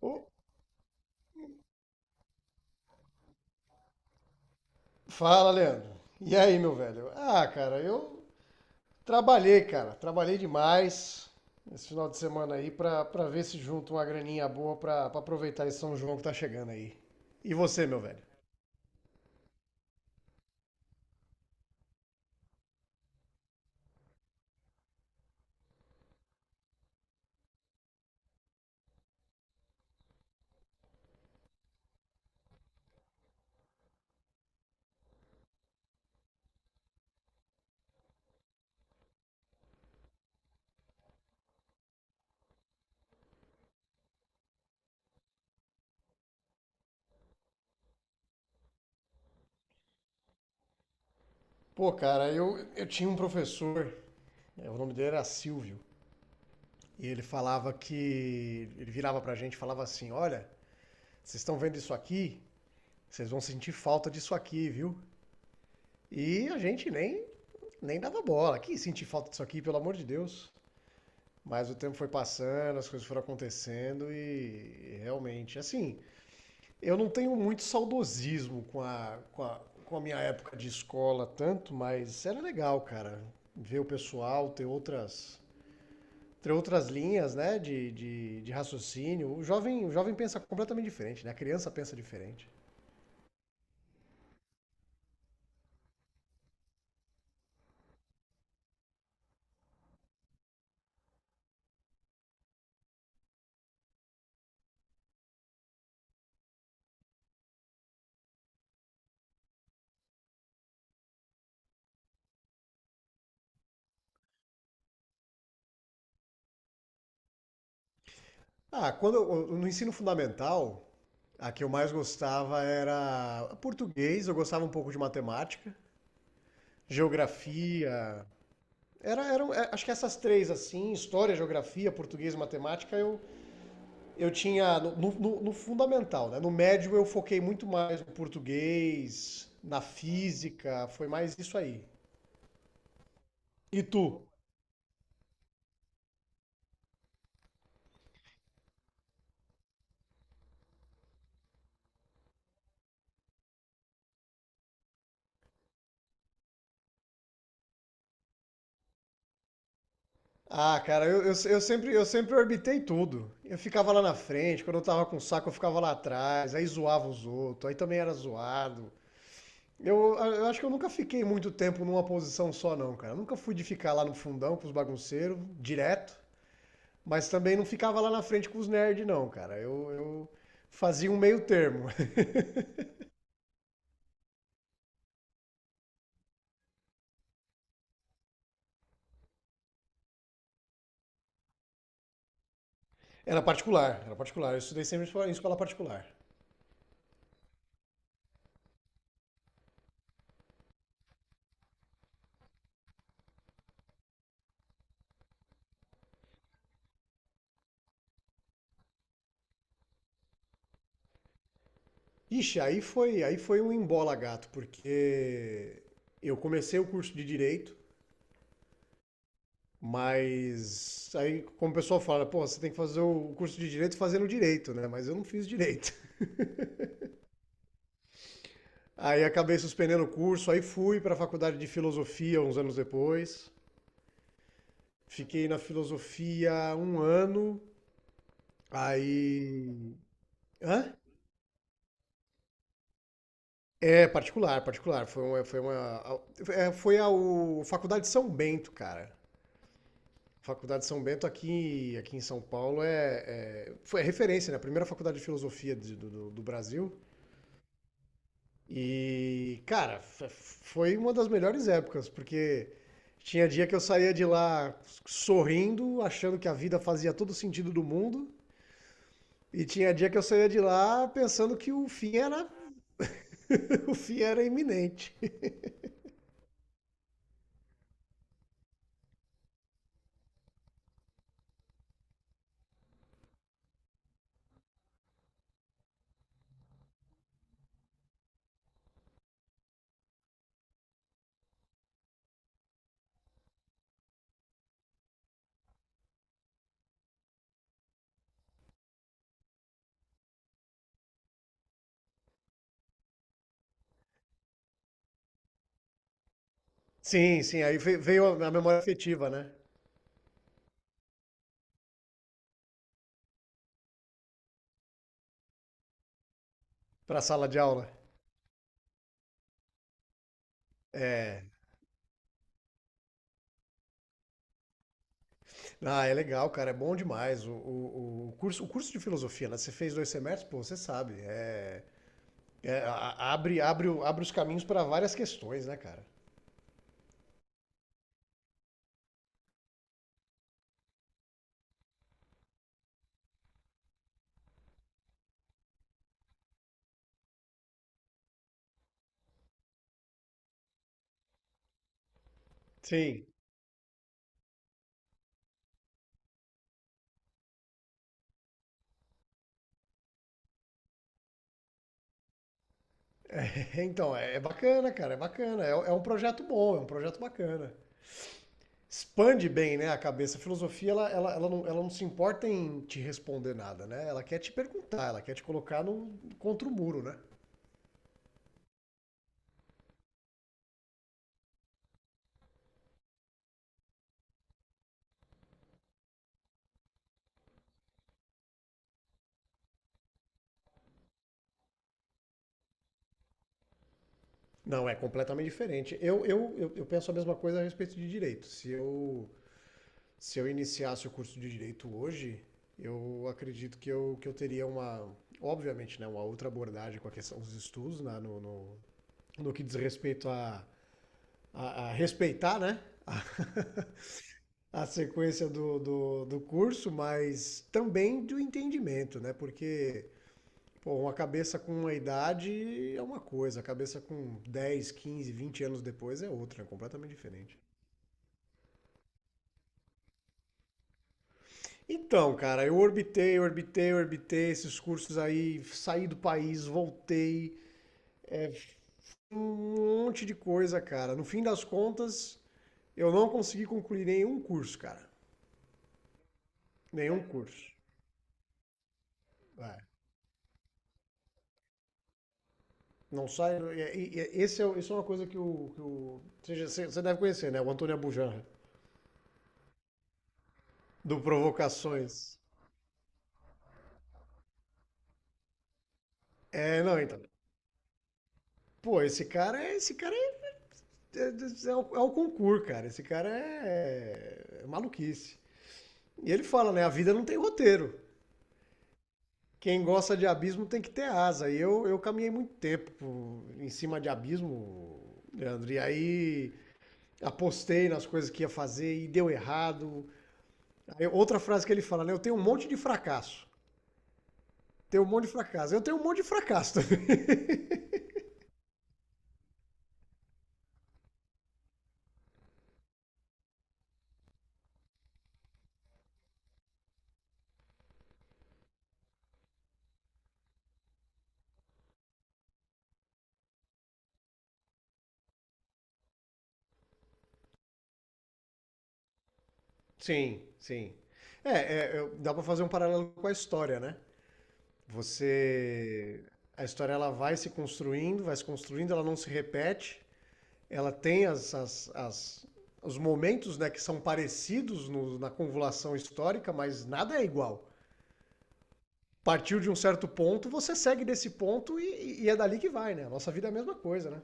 Ô, fala, Leandro. E aí, meu velho? Ah, cara, eu trabalhei, cara. Trabalhei demais esse final de semana aí pra ver se junto uma graninha boa pra aproveitar esse São João que tá chegando aí. E você, meu velho? Pô, cara, eu tinha um professor, é, o nome dele era Silvio, e ele falava que. ele virava pra gente e falava assim: olha, vocês estão vendo isso aqui? Vocês vão sentir falta disso aqui, viu? E a gente nem dava bola. Que sentir falta disso aqui, pelo amor de Deus. Mas o tempo foi passando, as coisas foram acontecendo e realmente, assim, eu não tenho muito saudosismo com a minha época de escola tanto, mas era legal, cara, ver o pessoal, ter outras linhas, né, de raciocínio. O jovem pensa completamente diferente, né? A criança pensa diferente. Ah, no ensino fundamental, a que eu mais gostava era português, eu gostava um pouco de matemática, geografia. Acho que essas três, assim, história, geografia, português e matemática, eu tinha no fundamental, né? No médio eu foquei muito mais no português, na física, foi mais isso aí. E tu? Ah, cara, eu sempre orbitei tudo. Eu ficava lá na frente, quando eu tava com saco, eu ficava lá atrás, aí zoava os outros, aí também era zoado. Eu acho que eu nunca fiquei muito tempo numa posição só, não, cara. Eu nunca fui de ficar lá no fundão com os bagunceiros, direto. Mas também não ficava lá na frente com os nerds, não, cara. Eu fazia um meio termo. Era particular, era particular. Eu estudei sempre em particular. Ixi, aí foi um embola gato, porque eu comecei o curso de direito, mas aí como o pessoal fala, pô, você tem que fazer o curso de direito fazendo direito, né? Mas eu não fiz direito. Aí acabei suspendendo o curso, aí fui para a faculdade de filosofia uns anos depois. Fiquei na filosofia um ano, aí hã? É, particular, particular. Foi uma, é, foi a o- Faculdade de São Bento, cara. Faculdade de São Bento aqui, aqui em São Paulo foi a referência, né? A primeira faculdade de filosofia do Brasil. E, cara, foi uma das melhores épocas, porque tinha dia que eu saía de lá sorrindo, achando que a vida fazia todo o sentido do mundo, e tinha dia que eu saía de lá pensando que o fim era, o fim era iminente. Sim, sim, veio a memória afetiva, né? Pra sala de aula. É. Ah, é legal, cara, é bom demais. O curso de filosofia, né? Você fez 2 semestres, pô, você sabe. Abre os caminhos para várias questões, né, cara? Sim. Então, é bacana, cara, é bacana. É um projeto bom, é um projeto bacana. Expande bem, né, a cabeça. A filosofia, não, ela não se importa em te responder nada, né? Ela quer te perguntar, ela quer te colocar no, contra o muro, né? Não, é completamente diferente. Eu penso a mesma coisa a respeito de direito. Se eu iniciasse o curso de direito hoje, eu acredito que eu teria uma, obviamente, né, uma outra abordagem com a questão dos estudos, né, no que diz respeito a, a respeitar, né, a sequência do curso, mas também do entendimento, né? Porque, pô, uma cabeça com uma idade é uma coisa, a cabeça com 10, 15, 20 anos depois é outra, é completamente diferente. Então, cara, eu orbitei, orbitei, orbitei esses cursos aí, saí do país, voltei, um um monte de coisa, cara. No fim das contas, eu não consegui concluir nenhum curso, cara. Nenhum curso. É. Não sai. Isso é uma coisa que você deve conhecer, né? O Antônio Abujamra, do Provocações. É, não, então. Pô, Esse cara é. É, É o concurso, cara. Esse cara é, é maluquice. E ele fala, né? A vida não tem roteiro. Quem gosta de abismo tem que ter asa. E eu caminhei muito tempo em cima de abismo, Leandro. E aí apostei nas coisas que ia fazer e deu errado. Aí outra frase que ele fala, né? Eu tenho um monte de fracasso. Tenho um monte de fracasso. Eu tenho um monte de fracasso também. Sim, sim. É, Dá pra fazer um paralelo com a história, né? Você. A história, ela vai se construindo, ela não se repete. Ela tem as- os momentos, né, que são parecidos na convolução histórica, mas nada é igual. Partiu de um certo ponto, você segue desse ponto e é dali que vai, né? A nossa vida é a mesma coisa, né?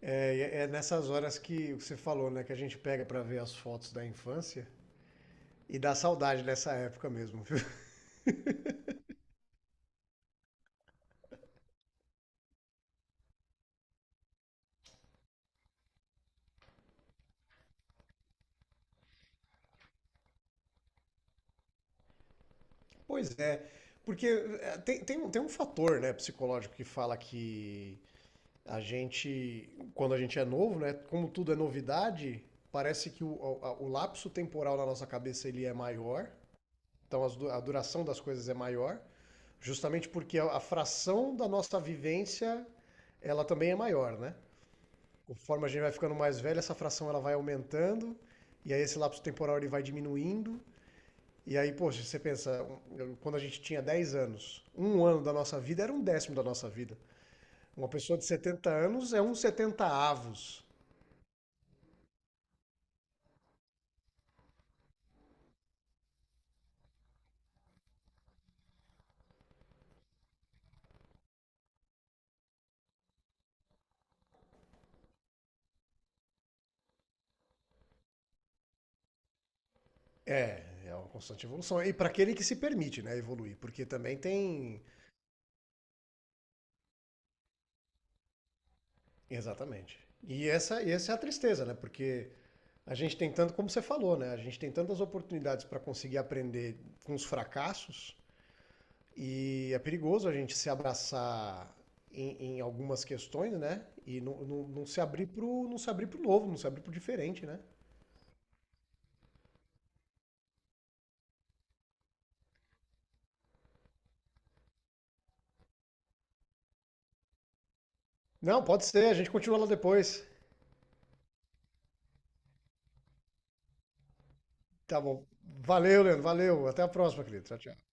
É nessas horas que você falou, né? Que a gente pega para ver as fotos da infância e dá saudade dessa época mesmo, viu? Pois é, porque é, tem um fator, né, psicológico, que fala que a gente, quando a gente é novo, né, como tudo é novidade, parece que o lapso temporal na nossa cabeça ele é maior, então as a duração das coisas é maior, justamente porque a fração da nossa vivência ela também é maior, né? Conforme a gente vai ficando mais velho, essa fração ela vai aumentando e aí esse lapso temporal ele vai diminuindo. E aí, poxa, você pensa, quando a gente tinha 10 anos, um ano da nossa vida era um décimo da nossa vida. Uma pessoa de 70 anos é um 70 avos. É uma constante evolução. E para aquele que se permite, né, evoluir, porque também tem. Exatamente. E essa é a tristeza, né? Porque a gente tem tanto, como você falou, né? A gente tem tantas oportunidades para conseguir aprender com os fracassos, e é perigoso a gente se abraçar em algumas questões, né? E não se abrir pro novo, não se abrir pro diferente, né? Não, pode ser, a gente continua lá depois. Tá bom. Valeu, Leandro, valeu. Até a próxima, querido. Tchau, tchau.